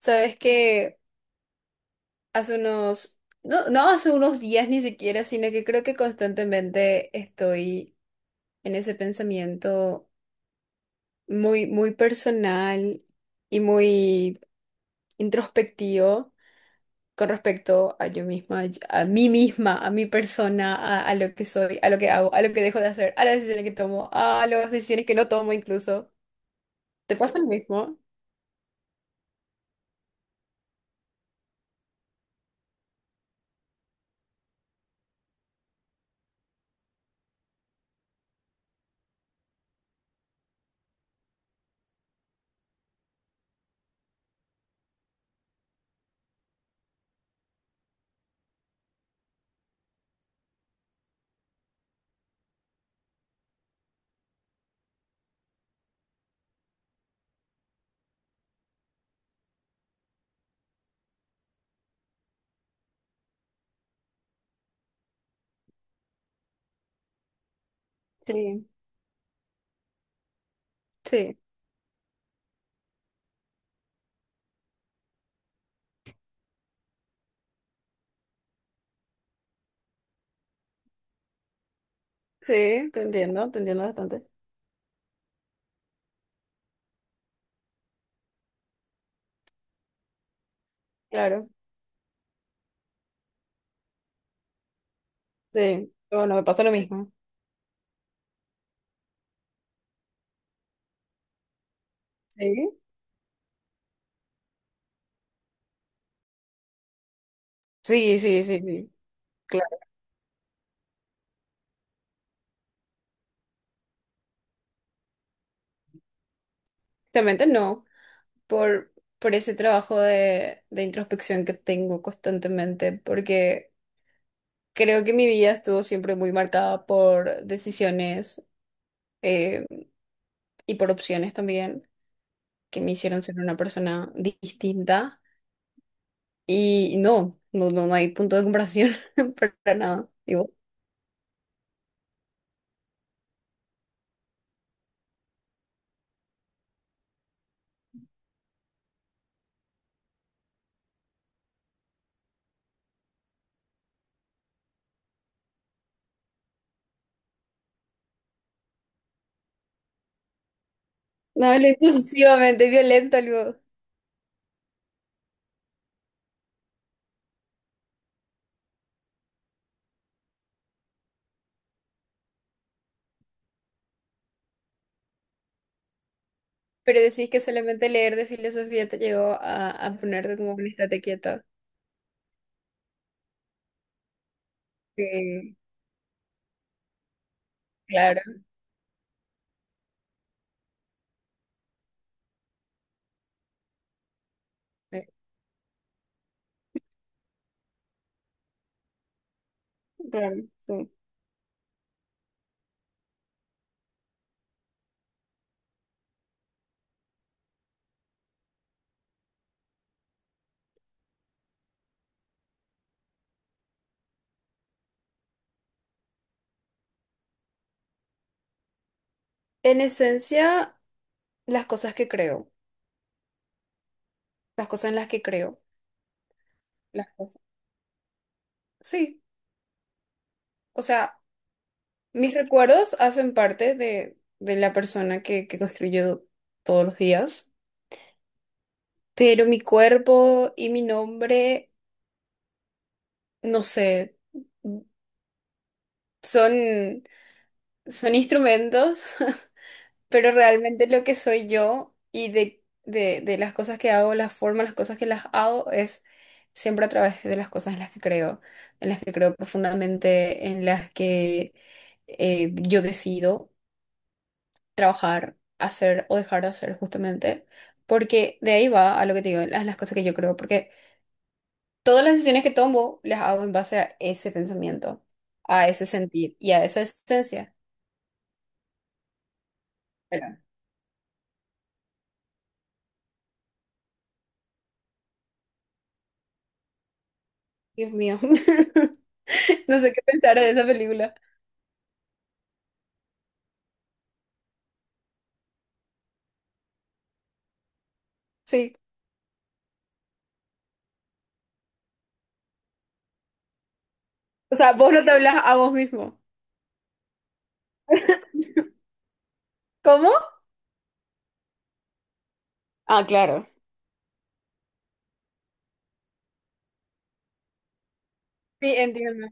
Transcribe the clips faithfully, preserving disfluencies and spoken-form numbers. Sabes que hace unos, no, no hace unos días ni siquiera, sino que creo que constantemente estoy en ese pensamiento muy, muy personal y muy introspectivo con respecto a yo misma, a mí misma, a mi persona, a, a lo que soy, a lo que hago, a lo que dejo de hacer, a las decisiones que tomo, a las decisiones que no tomo incluso. ¿Te pasa lo mismo? Sí, sí, sí, te entiendo, te entiendo bastante. Claro. Sí, bueno, me pasa lo mismo. Sí, sí, sí, sí, sí. Claramente no, por, por ese trabajo de, de introspección que tengo constantemente, porque creo que mi vida estuvo siempre muy marcada por decisiones eh, y por opciones también que me hicieron ser una persona distinta. Y no, no, no, no hay punto de comparación para nada. Digo, no, él es exclusivamente violento, digo. Pero decís que solamente leer de filosofía te llegó a, a ponerte como un estate quieto. Sí, claro. Eh, Claro, sí. En esencia, las cosas que creo, las cosas en las que creo, las cosas. Sí, o sea, mis recuerdos hacen parte de, de la persona que, que construyo todos los días, pero mi cuerpo y mi nombre, no sé, son, son instrumentos. Pero realmente lo que soy yo y de, de, de las cosas que hago, las formas, las cosas que las hago, es siempre a través de las cosas en las que creo, en las que creo profundamente, en las que eh, yo decido trabajar, hacer o dejar de hacer justamente, porque de ahí va a lo que te digo, las, las cosas que yo creo, porque todas las decisiones que tomo las hago en base a ese pensamiento, a ese sentir y a esa esencia. Pero Dios mío, no sé qué pensar en esa película. Sí. O sea, vos no te hablas a vos mismo. ¿Cómo? Ah, claro. Sí, entiendo.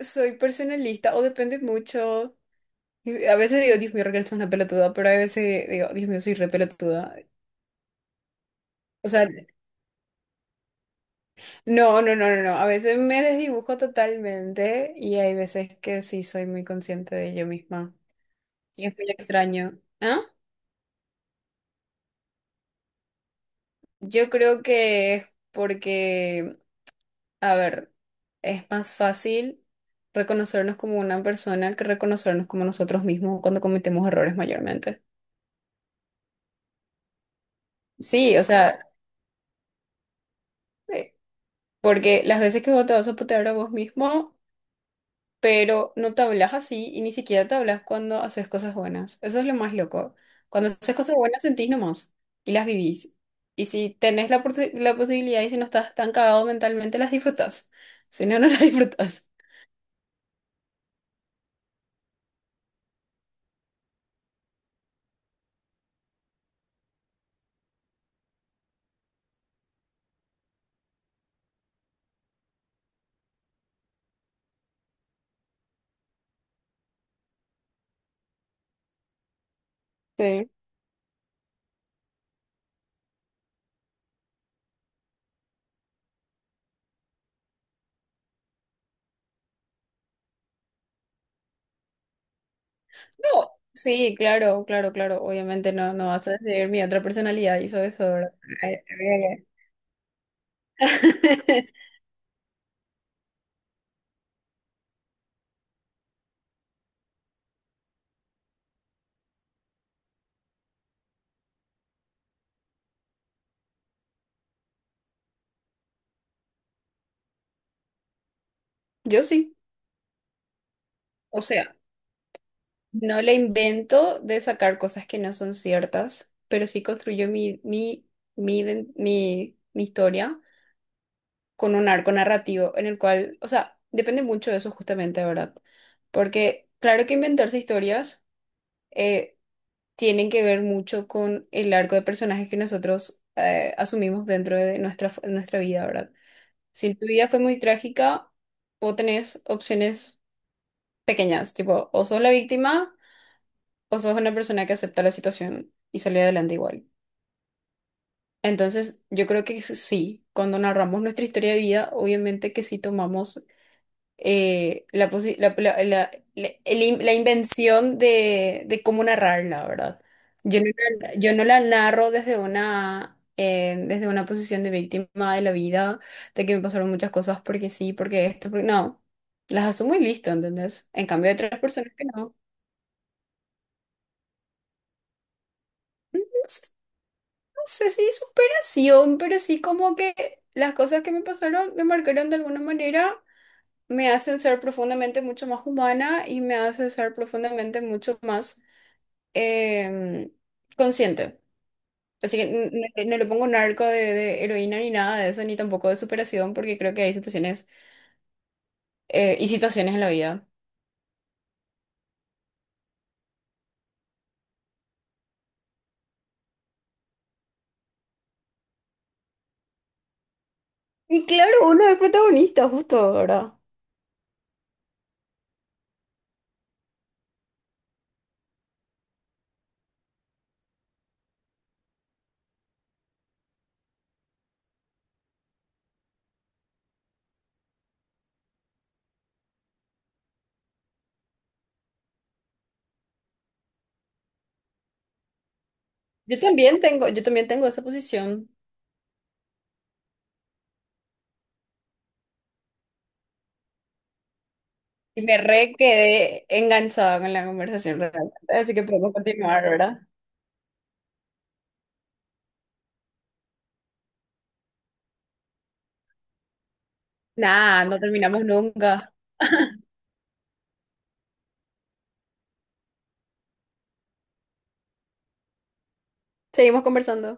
Soy personalista o depende mucho. Y a veces digo, Dios mío, Raquel, sos una pelotuda, pero a veces digo, Dios mío, soy re pelotuda. O sea, no, no, no, no, no. A veces me desdibujo totalmente y hay veces que sí soy muy consciente de yo misma. Y es muy extraño. ¿Ah? Yo creo que es porque, a ver, es más fácil reconocernos como una persona que reconocernos como nosotros mismos cuando cometemos errores mayormente. Sí, o sea, eh, porque las veces que vos te vas a putear a vos mismo, pero no te hablas así y ni siquiera te hablas cuando haces cosas buenas. Eso es lo más loco. Cuando haces cosas buenas sentís nomás y las vivís. Y si tenés la, posi- la posibilidad y si no estás tan cagado mentalmente, las disfrutas. Si no, no las disfrutas. Sí. No, sí, claro, claro, claro. Obviamente no, no vas a decir mi otra personalidad hizo eso, ¿verdad? Ay, ay, ay. Yo sí. O sea, no le invento de sacar cosas que no son ciertas, pero sí construyo mi, mi, mi, iden- mi, mi historia con un arco narrativo en el cual, o sea, depende mucho de eso justamente, ¿verdad? Porque claro que inventarse historias eh, tienen que ver mucho con el arco de personajes que nosotros eh, asumimos dentro de nuestra, nuestra vida, ¿verdad? Si tu vida fue muy trágica, vos tenés opciones pequeñas, tipo, o sos la víctima o sos una persona que acepta la situación y sale adelante igual. Entonces, yo creo que s- sí, cuando narramos nuestra historia de vida, obviamente que sí tomamos eh, la, posi- la, la, la- la- el in- la invención de, de cómo narrarla, ¿verdad? Yo no, la- yo no la narro desde una, eh, desde una posición de víctima de la vida, de que me pasaron muchas cosas porque sí, porque esto, porque no. Las asumo y listo, ¿entendés? En cambio, hay otras personas que no. No sé, no sé si superación, pero sí como que las cosas que me pasaron me marcaron de alguna manera, me hacen ser profundamente mucho más humana y me hacen ser profundamente mucho más em, consciente. Así que n- no, no le pongo narco de, de heroína ni nada de eso, ni tampoco de superación, porque creo que hay situaciones eh, y situaciones en la vida. Y claro, uno es protagonista, justo ahora. Yo también tengo, yo también tengo esa posición. Y me re quedé enganchada con la conversación realmente. Así que podemos continuar, ¿verdad? Nada, no terminamos nunca. Seguimos conversando.